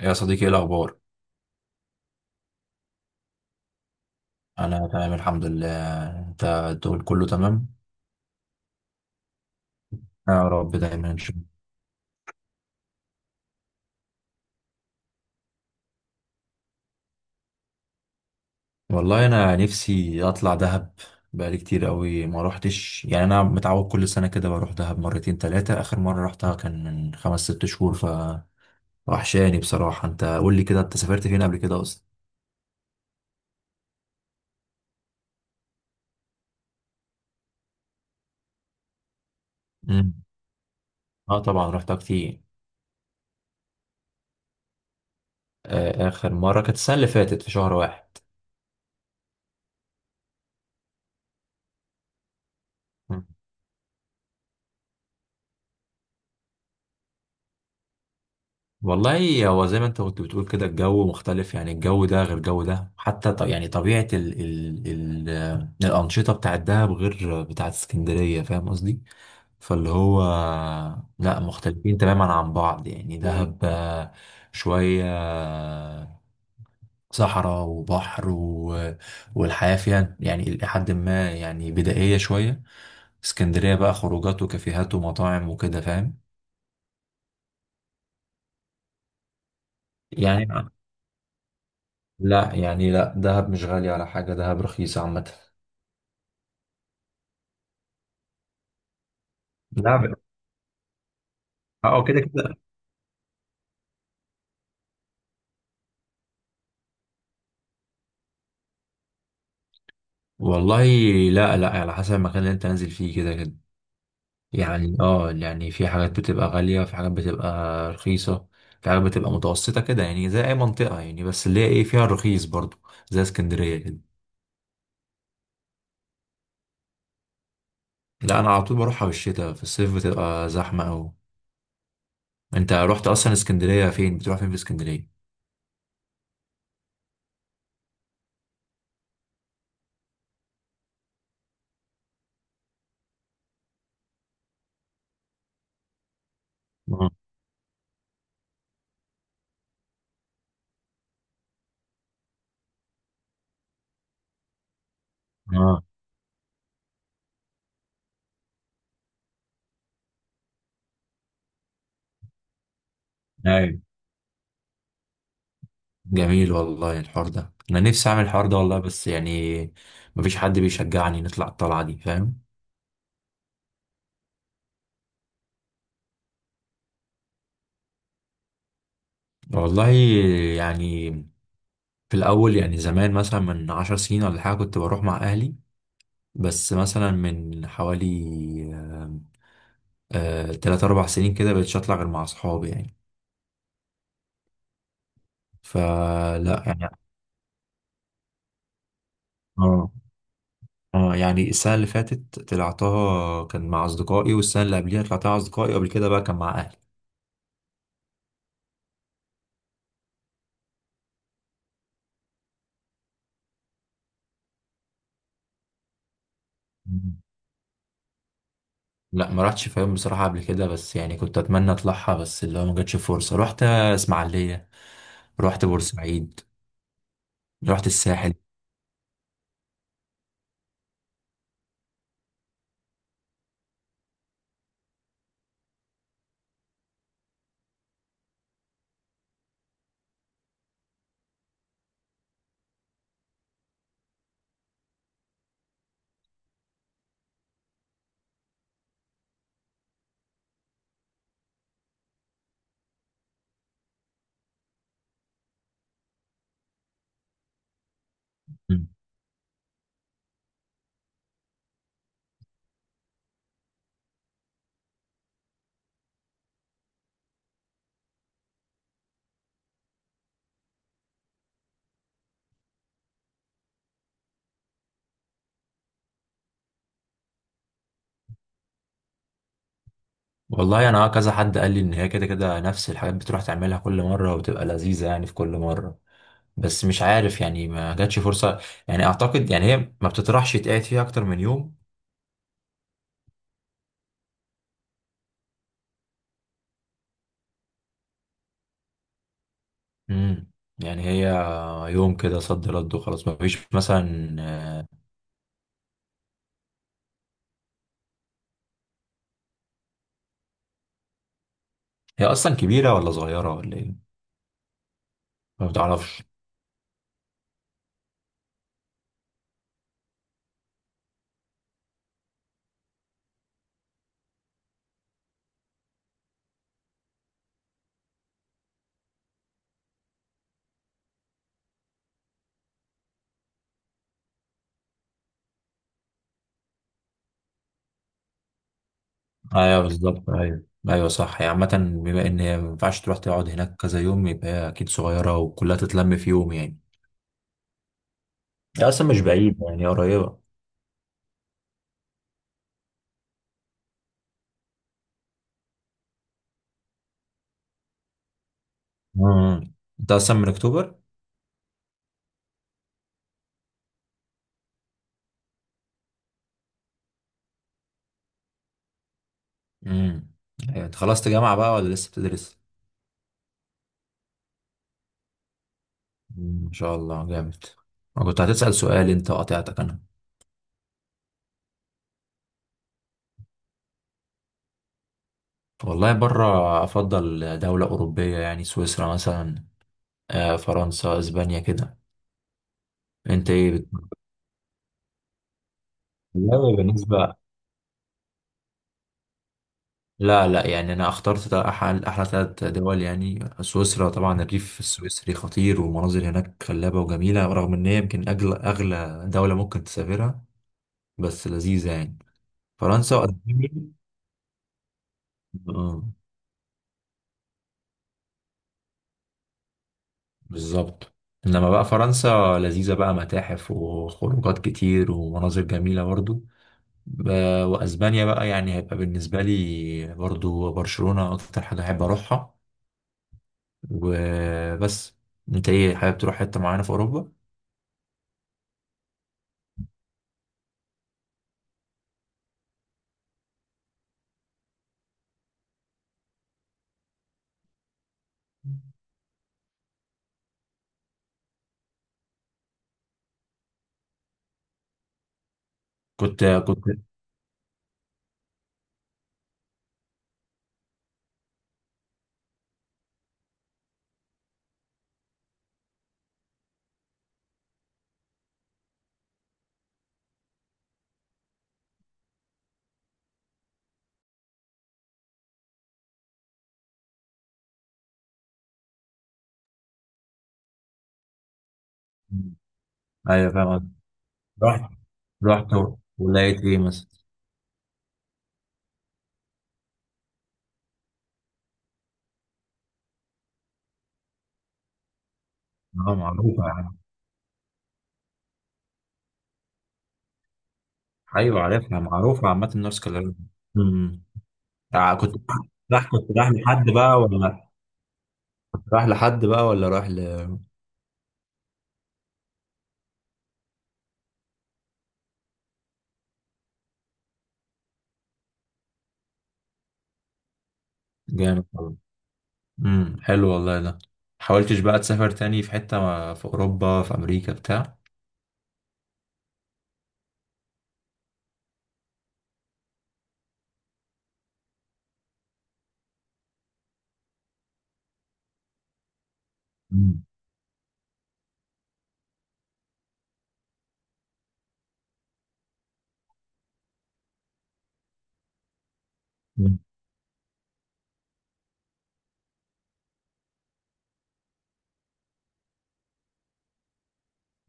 يا صديقي، ايه الاخبار؟ انا تمام الحمد لله. انت الدول كله تمام؟ يا رب دايما إن شاء الله. والله انا نفسي اطلع دهب. بقالي كتير قوي ما روحتش، يعني انا متعود كل سنه كده بروح دهب مرتين ثلاثه. اخر مره رحتها كان من 5 6 شهور فوحشاني بصراحه. انت قول لي كده، انت سافرت فين قبل كده اصلا؟ امم اه، طبعا رحتها كتير. آه، اخر مره كانت السنه اللي فاتت في شهر واحد. والله هو زي ما انت كنت بتقول كده، الجو مختلف، يعني الجو ده غير الجو ده، حتى يعني طبيعة ال ال ال آه، الأنشطة بتاعت دهب غير بتاعت اسكندرية. فاهم قصدي؟ فاللي هو، لا مختلفين تماما عن بعض، يعني دهب شوية صحراء وبحر والحياة فيها يعني إلى حد ما يعني بدائية شوية. اسكندرية بقى خروجات وكافيهات ومطاعم وكده. فاهم؟ يعني، لا يعني لا، دهب مش غالي ولا حاجة، دهب رخيصة عامة. لا، اه كده كده. والله، لا لا، على حسب المكان اللي انت نازل فيه، كده كده. يعني اه، يعني في حاجات بتبقى غالية، في حاجات بتبقى رخيصة، في حاجات بتبقى متوسطة كده، يعني زي أي منطقة، يعني بس اللي هي ايه، فيها الرخيص برضو زي اسكندرية كده. لا، أنا على طول بروحها بالشتاء، في الصيف بتبقى زحمة أوي. أنت رحت أصلا اسكندرية؟ فين بتروح فين في اسكندرية؟ اه. اه. ايوه. جميل والله، الحوار ده انا نفسي اعمل الحوار ده والله، بس يعني مفيش حد بيشجعني نطلع الطلعه دي، فاهم. والله، يعني في الاول يعني زمان مثلا من 10 سنين ولا حاجه كنت بروح مع اهلي، بس مثلا من حوالي 3 4 سنين كده بقيتش اطلع غير مع اصحابي يعني. فلا يعني، اه، اه يعني السنه اللي فاتت طلعتها كان مع اصدقائي، والسنه اللي قبليها طلعتها مع اصدقائي، وقبل كده بقى كان مع اهلي. لا، ما رحتش فيوم بصراحة قبل كده، بس يعني كنت أتمنى أطلعها، بس اللي هو ما جاتش فرصة. رحت إسماعيلية، رحت بورسعيد، رحت الساحل. مم. والله أنا كذا حد قال لي إن هي كده كده نفس الحاجات بتروح تعملها كل مرة، وبتبقى لذيذة يعني في كل مرة، بس مش عارف، يعني ما جاتش فرصة. يعني أعتقد يعني هي ما بتطرحش يتقعد فيها أكتر من يوم. مم. يعني هي يوم كده صد رد وخلاص، ما فيش مثلا. هي أصلا كبيرة ولا صغيرة ولا إيه؟ ما بتعرفش. ايوه بالظبط، ايوه ايوه صح، يعني عامة بما ان هي ما ينفعش تروح تقعد هناك كذا يوم، يبقى هي اكيد صغيرة وكلها تتلم في يوم يعني. هي اصلا مش بعيد، يعني هي قريبة. امم انت اصلا من اكتوبر؟ امم أيوة، انت خلصت جامعة بقى ولا لسه بتدرس؟ مم، ما شاء الله جامد. انا كنت هتسأل سؤال، انت قاطعتك انا. والله بره افضل دولة اوروبية، يعني سويسرا مثلا، فرنسا، اسبانيا كده. انت ايه والله بالنسبة، لا لا يعني انا اخترت احلى احلى 3 دول. يعني سويسرا، طبعا الريف السويسري خطير، والمناظر هناك خلابه وجميله، رغم ان هي يمكن اغلى اغلى دوله ممكن تسافرها، بس لذيذه يعني. فرنسا وألمانيا. آه، بالظبط. انما بقى فرنسا لذيذه بقى، متاحف وخروجات كتير ومناظر جميله برضو. واسبانيا بقى، يعني هيبقى بالنسبه لي برضو برشلونه اكتر حاجه احب اروحها. وبس. انت ايه، حابب تروح حته معينه في اوروبا؟ كنت كنت ايوه فاهم قصدك. رحت ولقيت ايه مثلا؟ اه، معروفة يعني. ايوه عارفها، معروفة عامة النورث كارولينا. امم تع- كنت راح كنت رايح لحد بقى ولا كنت رايح لحد بقى ولا رايح ل. جامد والله. حلو والله ده. حاولتش بقى تسافر تاني في حتة في اوروبا، في امريكا بتاع؟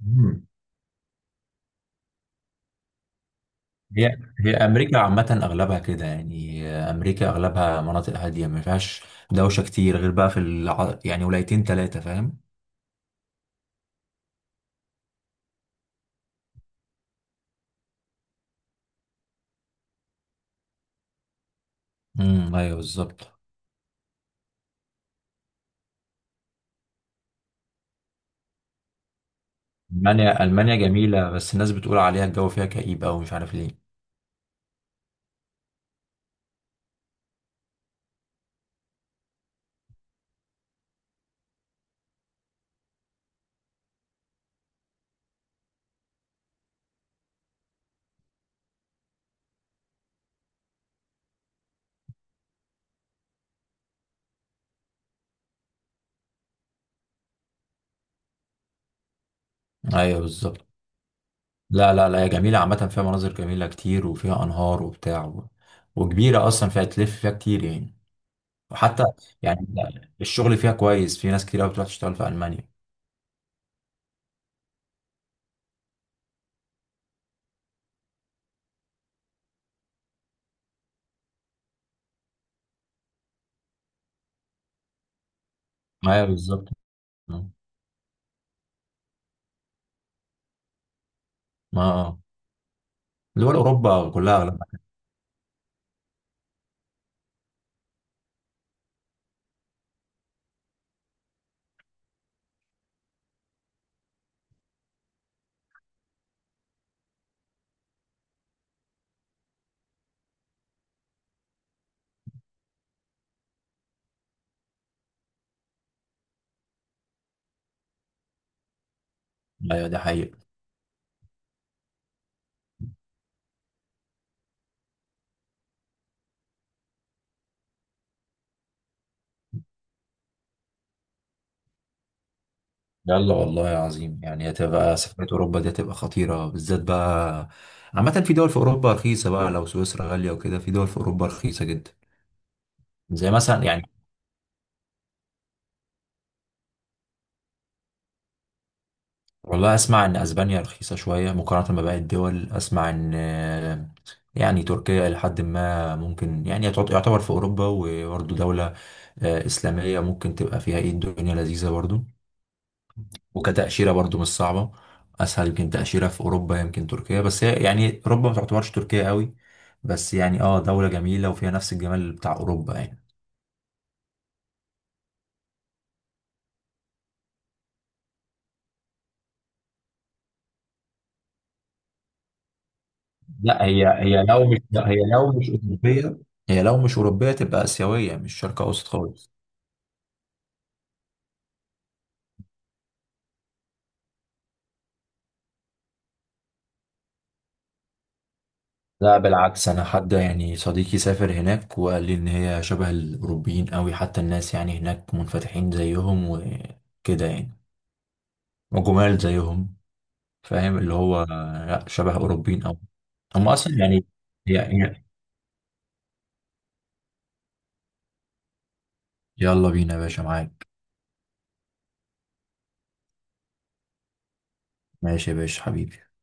امم هي امريكا عامه اغلبها كده، يعني امريكا اغلبها مناطق هاديه ما فيهاش دوشه كتير، غير بقى في يعني ولايتين ثلاثه، فاهم. امم، ايوه بالظبط. المانيا المانيا جميله، بس الناس بتقول عليها الجو فيها كئيب أوي، مش عارف ليه. ايوه بالظبط. لا لا لا، هي جميله عامه، فيها مناظر جميله كتير وفيها انهار وبتاع وكبيره اصلا، فيها تلف فيها كتير يعني، وحتى يعني الشغل فيها كويس، في ناس كتير قوي بتروح تشتغل في المانيا. ايوه بالظبط. ما ما- دول اوروبا كلها. ايوه ده حقيقي. يلا والله يا عظيم، يعني هتبقى سفرية أوروبا دي هتبقى خطيرة بالذات بقى. عامة في دول في أوروبا رخيصة بقى، لو سويسرا غالية وكده، في دول في أوروبا رخيصة جدا، زي مثلا يعني. والله أسمع إن أسبانيا رخيصة شوية مقارنة بباقي الدول. أسمع إن آه، يعني تركيا إلى حد ما ممكن يعني يعتبر في أوروبا، وبرضه دولة إسلامية، ممكن تبقى فيها إيه الدنيا لذيذة برضه. وكتأشيرة برضو مش صعبة، أسهل يمكن تأشيرة في أوروبا يمكن تركيا، بس هي يعني أوروبا ما تعتبرش تركيا قوي، بس يعني اه دولة جميلة وفيها نفس الجمال بتاع أوروبا يعني. لا هي لو مش أوروبية، هي لو مش أوروبية تبقى آسيوية، مش شرق أوسط خالص. لا بالعكس، أنا حد يعني صديقي سافر هناك وقال لي إن هي شبه الأوروبيين قوي، حتى الناس يعني هناك منفتحين زيهم وكده يعني، وجمال زيهم، فاهم اللي هو، لا، شبه أوروبيين أوي. هم أصلا يعني يا- يا- يلا بينا يا باشا، معاك. ماشي يا باشا حبيبي.